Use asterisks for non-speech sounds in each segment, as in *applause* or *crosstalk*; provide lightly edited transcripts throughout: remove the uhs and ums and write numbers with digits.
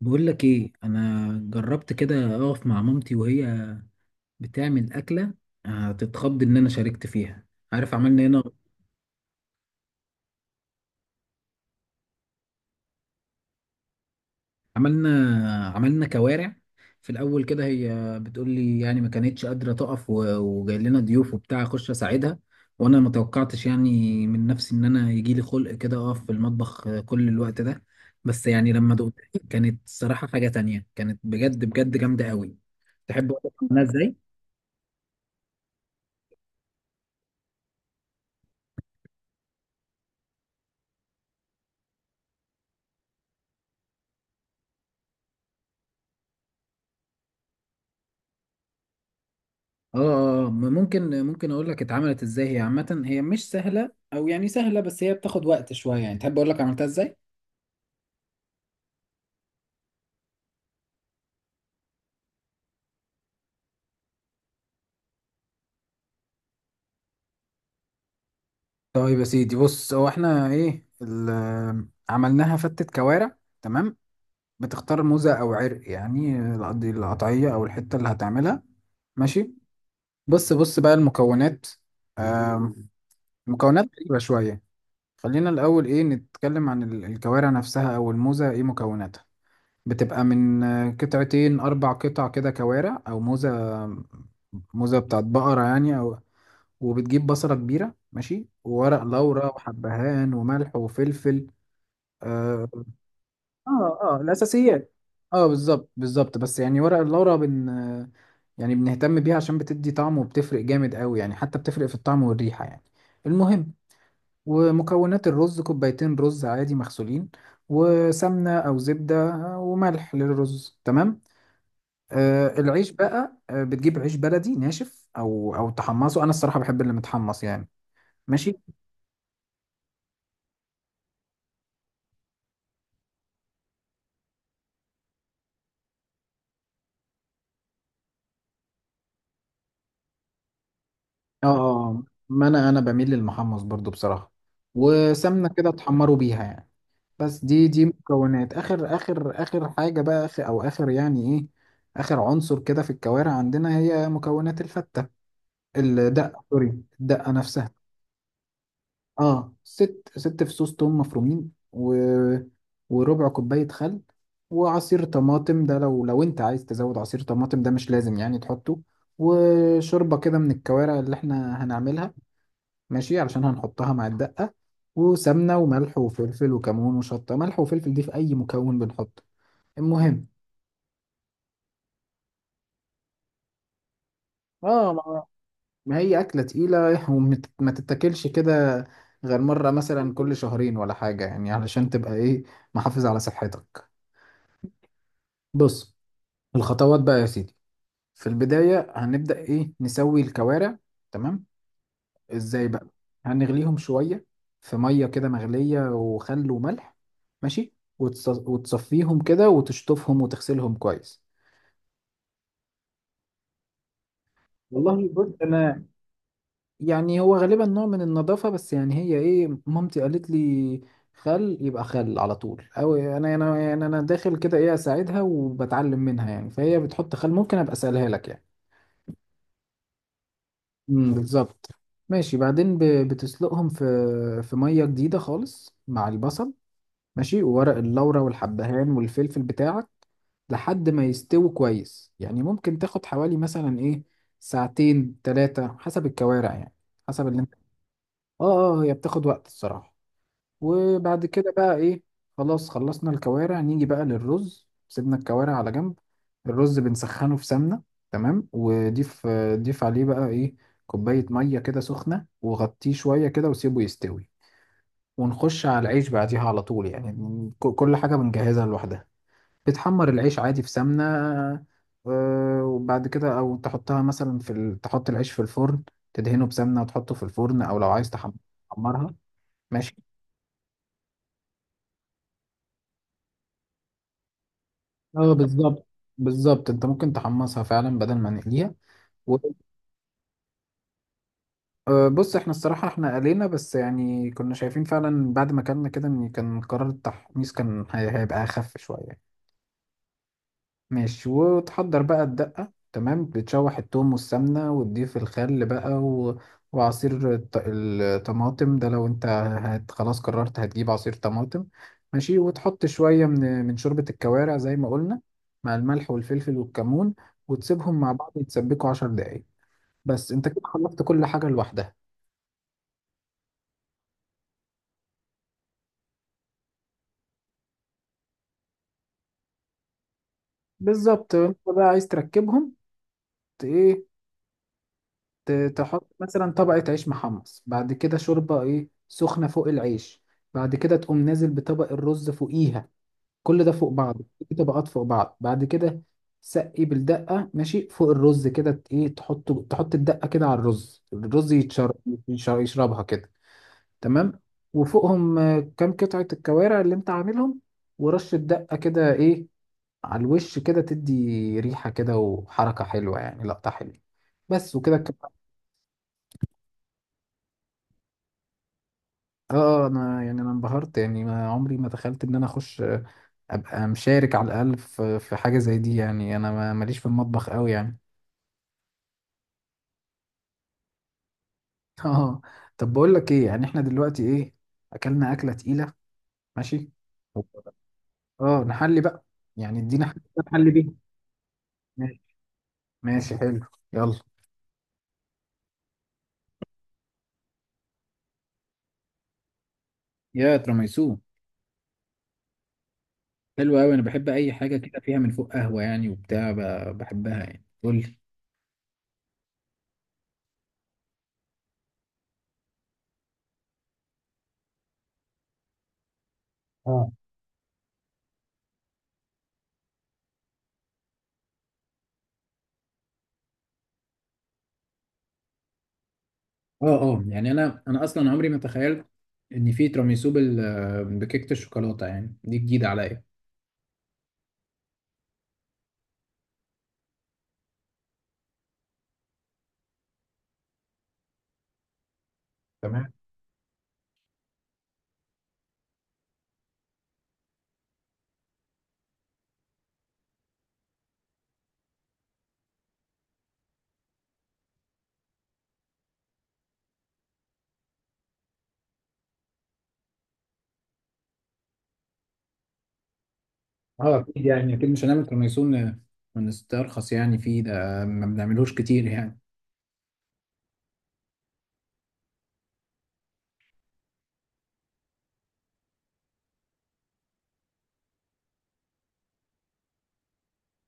بقول لك ايه، انا جربت كده اقف مع مامتي وهي بتعمل اكله. هتتخض ان انا شاركت فيها. عارف عملنا هنا؟ عملنا عملنا كوارع. في الاول كده هي بتقول لي يعني ما كانتش قادره تقف وجاي لنا ضيوف وبتاع اخش اساعدها، وانا ما توقعتش يعني من نفسي ان انا يجي لي خلق كده اقف في المطبخ كل الوقت ده. بس يعني لما دقت كانت صراحه حاجه تانية، كانت بجد بجد جامده قوي. تحب اقول لك عملناها ازاي؟ اه اه، ما ممكن اقول لك اتعملت ازاي. هي عامة هي مش سهلة او يعني سهلة، بس هي بتاخد وقت شوية. يعني تحب اقول لك عملتها ازاي؟ طيب يا سيدي، بص، هو احنا ايه عملناها فتة كوارع، تمام؟ بتختار موزة او عرق يعني، القطعية او الحتة اللي هتعملها. ماشي؟ بص بص بقى المكونات. آم، المكونات غريبة شوية. خلينا الاول ايه نتكلم عن الكوارع نفسها او الموزة، ايه مكوناتها. بتبقى من قطعتين أربع قطع كده كوارع أو موزة، موزة بتاعت بقرة يعني. أو وبتجيب بصلة كبيرة، ماشي، وورق لورا وحبهان وملح وفلفل. اه الأساسيات. اه، بالظبط بالظبط. بس يعني ورق اللورا يعني بنهتم بيها عشان بتدي طعم وبتفرق جامد قوي يعني، حتى بتفرق في الطعم والريحة يعني. المهم، ومكونات الرز كوبايتين رز عادي مغسولين، وسمنة أو زبدة وملح للرز، تمام. العيش بقى، بتجيب عيش بلدي ناشف او تحمصه. انا الصراحه بحب اللي متحمص يعني. ماشي. اه آه، ما انا بميل للمحمص برضو بصراحه، وسمنه كده تحمروا بيها يعني. بس دي مكونات اخر حاجه بقى، اخر او اخر يعني ايه، اخر عنصر كده في الكوارع عندنا. هي مكونات الفته، الدقه سوري، الدقه نفسها. اه، ست فصوص توم مفرومين، و... وربع كوباية خل، وعصير طماطم. ده لو انت عايز تزود عصير طماطم ده مش لازم يعني تحطه. وشوربة كده من الكوارع اللي احنا هنعملها، ماشي، علشان هنحطها مع الدقة. وسمنة وملح وفلفل وكمون وشطة. ملح وفلفل دي في أي مكون بنحطه. المهم، اه، ما هي أكلة تقيلة *laughs* وما تتاكلش كده غير مرة مثلا كل شهرين ولا حاجة يعني، علشان تبقى ايه، محافظ على صحتك. بص، الخطوات بقى يا سيدي. في البداية هنبدأ إيه، نسوي الكوارع، تمام؟ إزاي بقى؟ هنغليهم شوية في مية كده مغلية وخل وملح، ماشي، وتصفيهم كده وتشطفهم وتغسلهم كويس. والله بص، أنا يعني هو غالبا نوع من النظافة، بس يعني هي إيه، مامتي قالت لي خل يبقى خل على طول. أو أنا يعني أنا داخل كده إيه أساعدها وبتعلم منها يعني، فهي بتحط خل، ممكن أبقى أسألها لك يعني. بالظبط. ماشي. بعدين بتسلقهم في ميه جديده خالص مع البصل، ماشي، وورق اللورة والحبهان والفلفل بتاعك لحد ما يستووا كويس يعني، ممكن تاخد حوالي مثلا ايه، ساعتين ثلاثه حسب الكوارع يعني، حسب اللي انت. اه هي بتاخد وقت الصراحه. وبعد كده بقى ايه، خلاص خلصنا الكوارع، نيجي بقى للرز. سيبنا الكوارع على جنب، الرز بنسخنه في سمنة، تمام، وضيف عليه بقى ايه، كوباية مية كده سخنة، وغطيه شوية كده وسيبه يستوي. ونخش على العيش بعديها على طول يعني، كل حاجة بنجهزها لوحدها. بتحمر العيش عادي في سمنة، وبعد كده او تحطها مثلا تحط العيش في الفرن، تدهنه بسمنة وتحطه في الفرن، او لو عايز تحمرها. ماشي. اه، بالظبط بالظبط، انت ممكن تحمصها فعلا بدل ما نقليها. و- بص، احنا الصراحة احنا قلينا، بس يعني كنا شايفين فعلا بعد ما كلنا كده ان كان قرار التحميص كان هيبقى اخف شوية. ماشي. وتحضر بقى الدقة، تمام، بتشوح التوم والسمنة وتضيف الخل بقى، وعصير الطماطم ده لو انت خلاص قررت هتجيب عصير طماطم، ماشي، وتحط شوية من شوربة الكوارع زي ما قلنا، مع الملح والفلفل والكمون، وتسيبهم مع بعض يتسبكوا 10 دقايق. بس، انت كده خلصت كل حاجة لوحدها. بالظبط، انت بقى عايز تركبهم. ت- ايه ت- تحط مثلا طبقة عيش محمص، بعد كده شوربة ايه سخنة فوق العيش، بعد كده تقوم نازل بطبق الرز فوقيها. كل ده فوق بعضه في طبقات فوق بعض. بعد كده سقي بالدقة، ماشي، فوق الرز كده، ت- ايه تحطه تحط الدقة كده على الرز يشربها كده، تمام. وفوقهم كام قطعة الكوارع اللي انت عاملهم، ورش الدقة كده ايه على الوش كده، تدي ريحة كده وحركة حلوة يعني، لقطة حلوة. بس وكده. اه، انا يعني انا انبهرت يعني، ما عمري ما تخيلت ان انا اخش ابقى مشارك على الاقل في حاجه زي دي يعني. انا ماليش في المطبخ قوي يعني. *laughs* اه. طب بقول لك ايه، يعني احنا دلوقتي ايه، اكلنا اكله تقيله، ماشي، اه نحلي بقى، يعني ادينا حاجه كده نحلي بيها. ماشي، ماشي، حلو. يلا. يا تراميسو، حلو قوي. انا بحب اي حاجه كده فيها من فوق قهوه يعني وبتاع، بحبها يعني. قول لي. اه يعني انا اصلا عمري ما تخيلت ان في تراميسو بكيكه الشوكولاته يعني، دي جديده عليا. تمام. اه، اكيد يعني اكيد مش هنعمل تراميسو ونسترخص يعني فيه ده، ما بنعملوش كتير يعني.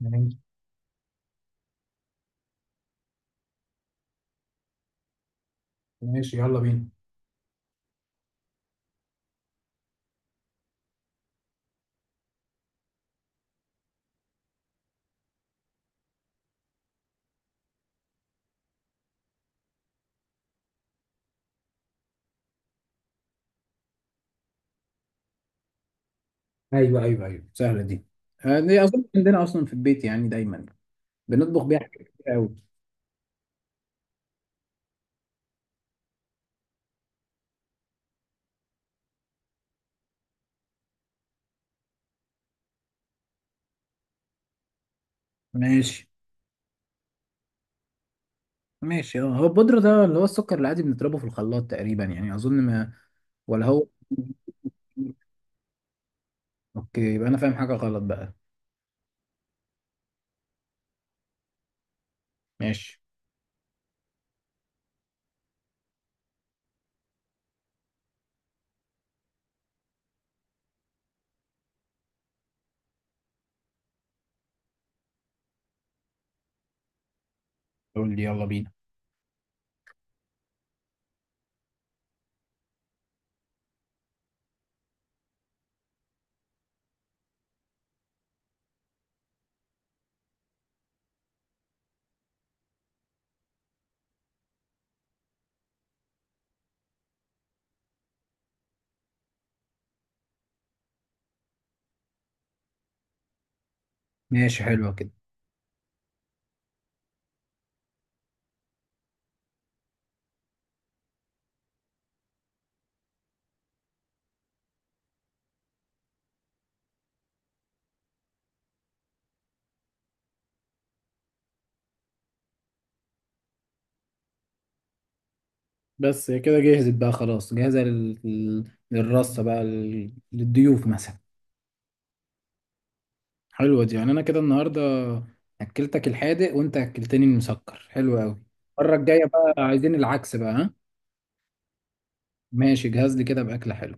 ماشي، ماشي، يلا بينا. ايوه، ايوه، ايوه، سهله دي. دي اظن عندنا اصلا في البيت يعني دايما بنطبخ بيها حاجات كتير قوي. ماشي، ماشي، اه. هو البودرة ده اللي هو السكر العادي بنضربه في الخلاط تقريبا يعني، اظن ما، ولا هو؟ اوكي، يبقى انا فاهم حاجه غلط بقى. ماشي. قول لي، يلا بينا. ماشي، حلوة كده. بس هي كده جهزت بقى، خلاص جاهزة للرصة بقى، للضيوف مثلا. حلوة دي يعني. أنا كده النهاردة أكلتك الحادق وأنت أكلتني المسكر، حلوة أوي. المرة الجاية بقى عايزين العكس بقى، ها؟ ماشي، جهز لي كده بأكلة حلوة.